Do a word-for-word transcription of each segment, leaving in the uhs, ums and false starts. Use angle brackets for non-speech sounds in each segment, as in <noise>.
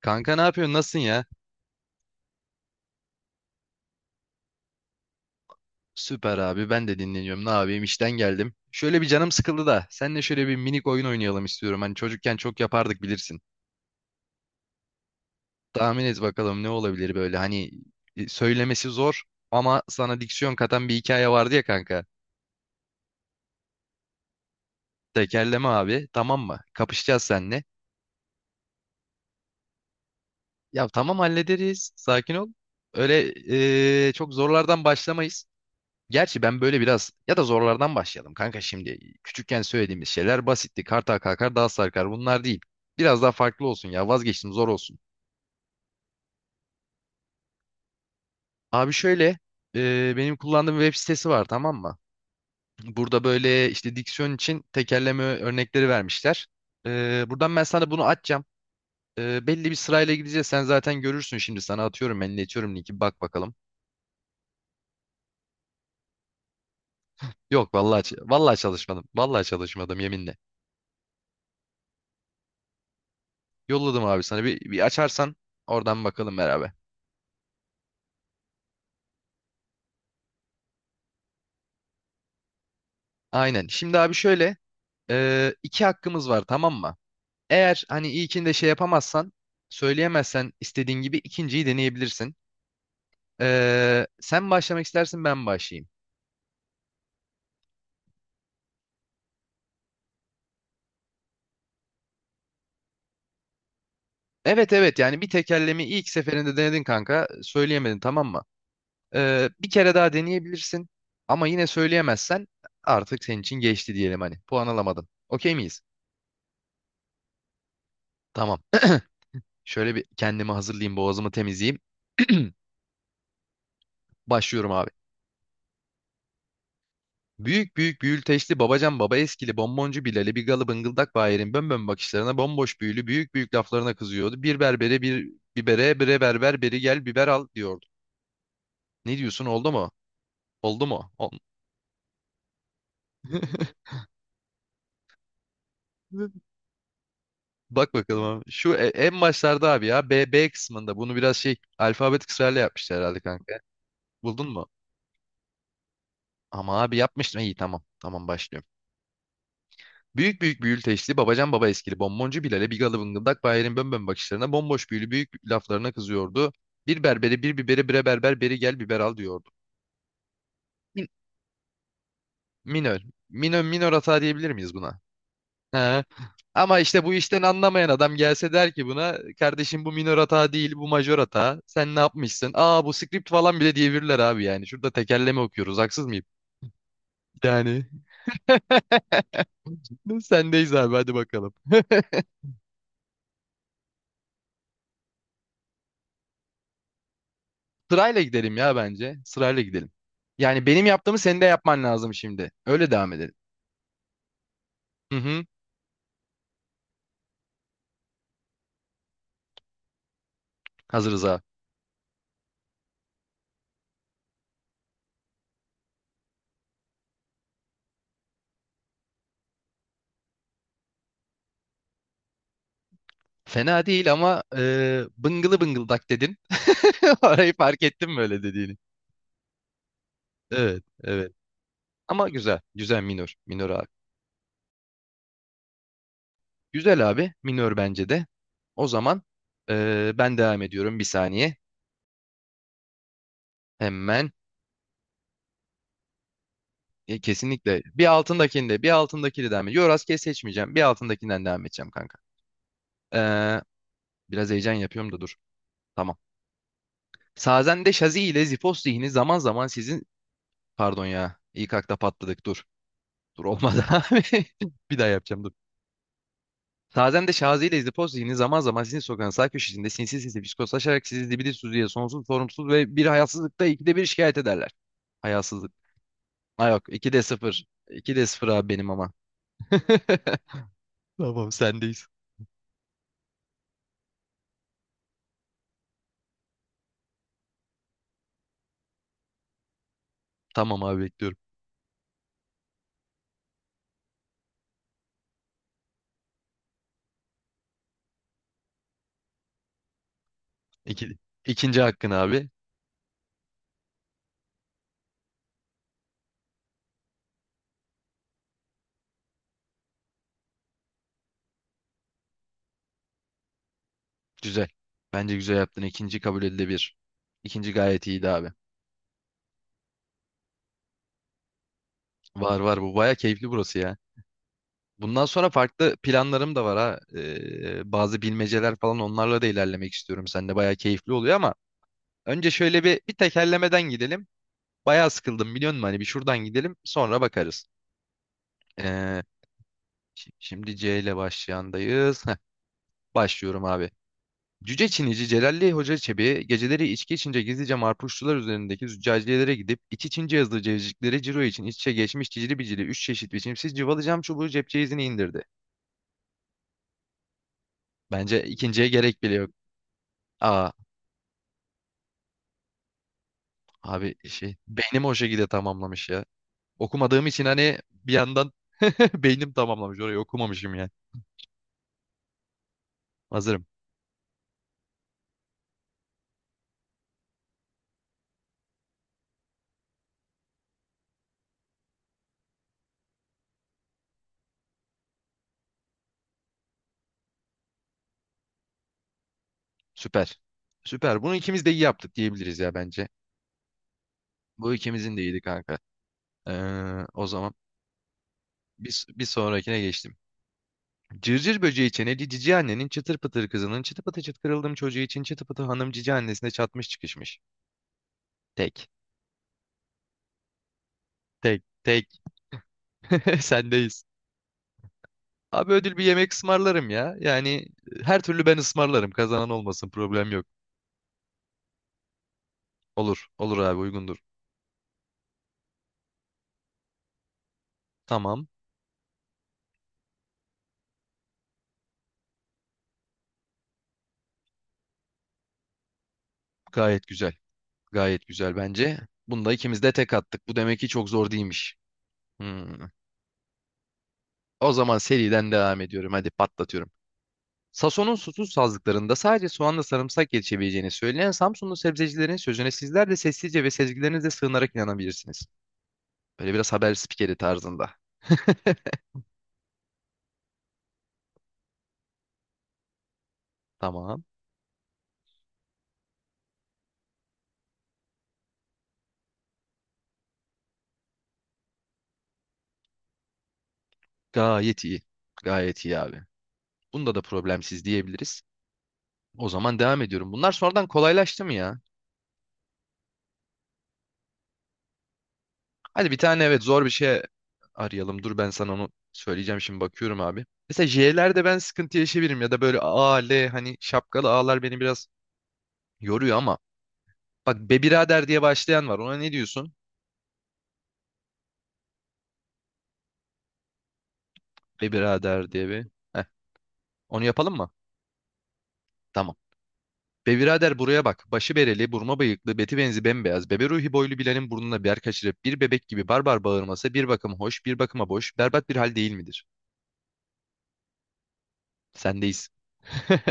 Kanka ne yapıyorsun? Nasılsın ya? Süper abi. Ben de dinleniyorum. Ne yapayım? İşten geldim. Şöyle bir canım sıkıldı da. Seninle şöyle bir minik oyun oynayalım istiyorum. Hani çocukken çok yapardık bilirsin. Tahmin et bakalım ne olabilir böyle. Hani e, söylemesi zor ama sana diksiyon katan bir hikaye vardı ya kanka. Tekerleme abi. Tamam mı? Kapışacağız seninle. Ya tamam hallederiz. Sakin ol. Öyle e, çok zorlardan başlamayız. Gerçi ben böyle biraz ya da zorlardan başlayalım kanka şimdi. Küçükken söylediğimiz şeyler basitti. Kartal kalkar dağ sarkar bunlar değil. Biraz daha farklı olsun ya vazgeçtim zor olsun. Abi şöyle e, benim kullandığım web sitesi var tamam mı? Burada böyle işte diksiyon için tekerleme örnekleri vermişler. E, buradan ben sana bunu açacağım. E, belli bir sırayla gideceğiz. Sen zaten görürsün şimdi sana atıyorum ben iletiyorum linki bak bakalım. Yok vallahi ç- vallahi çalışmadım. Vallahi çalışmadım yeminle. Yolladım abi sana bir, bir açarsan oradan bakalım beraber. Aynen. Şimdi abi şöyle e, iki hakkımız var tamam mı? Eğer hani ilkinde şey yapamazsan söyleyemezsen istediğin gibi ikinciyi deneyebilirsin. E, sen başlamak istersin ben başlayayım. Evet, evet, yani bir tekerlemi ilk seferinde denedin kanka söyleyemedin tamam mı? E, bir kere daha deneyebilirsin ama yine söyleyemezsen artık senin için geçti diyelim hani puan alamadın. Okey miyiz? Tamam. <clears throat> Şöyle bir kendimi hazırlayayım boğazımı temizleyeyim. <clears throat> Başlıyorum abi. Büyük büyük büyülteçli babacan baba eskili bonboncu Bilal'i bir galı bıngıldak Bahir'in bönbön bakışlarına bomboş büyülü büyük büyük laflarına kızıyordu. Bir berbere bir bibere bire berber beri gel biber al diyordu. Ne diyorsun oldu mu? Oldu mu? Ol- <laughs> Bak bakalım abi. Şu e- en başlarda abi ya B, B kısmında bunu biraz şey alfabet kısrarla yapmışlar herhalde kanka. Buldun mu? Ama abi yapmıştım. İyi tamam. Tamam başlıyorum. Büyük büyük büyül teşli, babacan baba eskili, bonboncu Bilal'e bigalı bıngıldak Bahir'in bönbön bakışlarına, bomboş büyülü büyük laflarına kızıyordu. Bir berbere bir biberi bire berber beri gel biber al diyordu. Min- Minör. Minör, minör hata diyebilir miyiz buna? He. Ama işte bu işten anlamayan adam gelse der ki buna kardeşim bu minör hata değil bu majör hata. Sen ne yapmışsın? Aa bu script falan bile diyebilirler abi yani. Şurada tekerleme okuyoruz haksız mıyım? Yani <laughs> sendeyiz abi hadi bakalım. Sırayla gidelim ya bence. Sırayla gidelim. Yani benim yaptığımı senin de yapman lazım şimdi. Öyle devam edelim. Hı hı. Hazırız abi. Fena değil ama e, bıngılı bıngıldak dedin. <laughs> Orayı fark ettim böyle dediğini. Evet, evet. Ama güzel. Güzel minör. Minör abi. Güzel abi. Minör bence de. O zaman e, ben devam ediyorum bir saniye. Hemen. E, kesinlikle bir altındakinde bir altındakini devam ediyorum. Yo rastgele seçmeyeceğim. Bir altındakinden devam edeceğim kanka. E, biraz heyecan yapıyorum da dur. Tamam. Sazen'de Şazi ile Zipos zihni zaman zaman sizin... Pardon ya. İlk akta patladık. Dur. Dur olmadı <laughs> abi. Bir daha yapacağım dur. Sazen'de Şazi ile Zipos zihni zaman zaman sizin sokağın sağ köşesinde sinsi sinsi psikoslaşarak sizi dibili suziye sonsuz sorumsuz ve bir hayasızlıkta ikide bir şikayet ederler. Hayasızlık. Ha yok. ikide sıfır. ikide sıfır abi benim ama. <laughs> Tamam sendeyiz. Tamam abi bekliyorum. İki, ikinci hakkın abi. Güzel. Bence güzel yaptın. İkinci kabul edilebilir. İkinci gayet iyiydi abi. Var var bu baya keyifli burası ya. Bundan sonra farklı planlarım da var ha. Ee, bazı bilmeceler falan onlarla da ilerlemek istiyorum. Sen de baya keyifli oluyor ama önce şöyle bir bir tekerlemeden gidelim. Baya sıkıldım biliyor musun? Hani bir şuradan gidelim sonra bakarız. Ee, şi- şimdi C ile başlayandayız. Heh, başlıyorum abi. Cüce Çinici Celalli Hoca Çebi geceleri içki içince gizlice marpuşçular üzerindeki züccaciyelere gidip iç içince yazılı cevizcikleri ciro için iç içe geçmiş cicili bicili üç çeşit biçimsiz cıvalı cam çubuğu cep ceyizini indirdi. Bence ikinciye gerek bile yok. Aa abi şey beynim o şekilde tamamlamış ya. Okumadığım için hani bir yandan <laughs> beynim tamamlamış orayı okumamışım ya. Hazırım. Süper. Süper. Bunu ikimiz de iyi yaptık diyebiliriz ya bence. Bu ikimizin de iyiydi kanka. Ee, o zaman bir, bir sonrakine geçtim. Cırcır böceği çeneli cici annenin çıtır pıtır kızının çıtı pıtı çıt kırıldığım çocuğu için çıtı pıtı hanım cici annesine çatmış çıkışmış. Tek. Tek. Tek. <laughs> Sendeyiz. Abi ödül bir yemek ısmarlarım ya. Yani e, her türlü ben ısmarlarım. Kazanan olmasın problem yok. Olur. Olur abi uygundur. Tamam. Gayet güzel. Gayet güzel bence. Bunda ikimiz de tek attık. Bu demek ki çok zor değilmiş. Hmm. O zaman seriden devam ediyorum. Hadi patlatıyorum. Sason'un susuz sazlıklarında sadece soğanla sarımsak yetişebileceğini söyleyen Samsunlu sebzecilerin sözüne sizler de sessizce ve sezgilerinizle sığınarak inanabilirsiniz. Böyle biraz haber spikeri tarzında. <laughs> Tamam. Gayet iyi. Gayet iyi abi. Bunda da problemsiz diyebiliriz. O zaman devam ediyorum. Bunlar sonradan kolaylaştı mı ya? Hadi bir tane evet zor bir şey arayalım. Dur ben sana onu söyleyeceğim şimdi bakıyorum abi. Mesela J'lerde ben sıkıntı yaşayabilirim ya da böyle A, L hani şapkalı A'lar beni biraz yoruyor ama bak be birader diye başlayan var. Ona ne diyorsun? Be birader diye bir. Heh, onu yapalım mı? Tamam. Be birader buraya bak. Başı bereli, burma bıyıklı, beti benzi bembeyaz. Bebe ruhi boylu Bilal'in burnuna bir yer kaçırıp bir bebek gibi barbar bağırması bir bakıma hoş, bir bakıma boş, berbat bir hal değil midir? Sendeyiz. <laughs>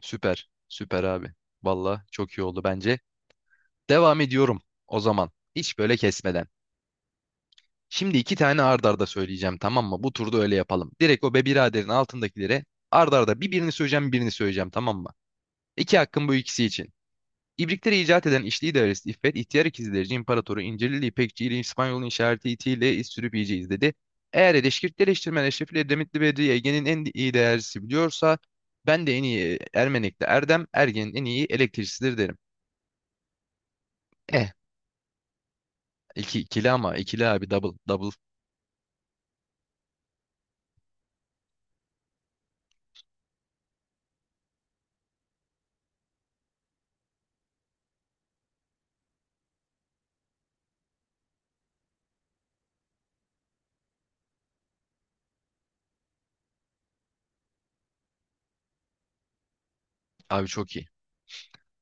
Süper. Süper abi. Valla çok iyi oldu bence. Devam ediyorum o zaman. Hiç böyle kesmeden. Şimdi iki tane ard arda söyleyeceğim tamam mı? Bu turda öyle yapalım. Direkt o be biraderin altındakilere ard arda bir birini söyleyeceğim birini söyleyeceğim tamam mı? İki hakkım bu ikisi için. İbrikleri icat eden İşli idaresi İffet, ihtiyar ikizlerci imparatoru İncirlili İpekçi ile İspanyol'un işareti itiyle iz sürüp yiyeceğiz dedi. Eğer Eleşkirt eleştirmen Eşrefil Edremitli Bedri Ege'nin en iyi değerlisi biliyorsa ben de en iyi e, Ermenek'te Erdem, Ergen'in en iyi elektrikçisidir derim. Eh, iki, ikili ama ikili abi double, double abi çok iyi.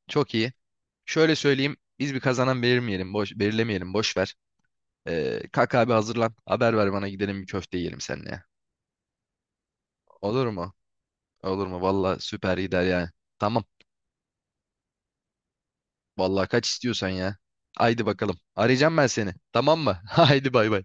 Çok iyi. Şöyle söyleyeyim biz bir kazanan belirmeyelim, boş, belirlemeyelim boş ver. Ee, kalk abi hazırlan haber ver bana gidelim bir köfte yiyelim seninle. Olur mu? Olur mu? Valla süper gider yani. Tamam. Vallahi kaç istiyorsan ya. Haydi bakalım. Arayacağım ben seni. Tamam mı? <laughs> Haydi bay bay.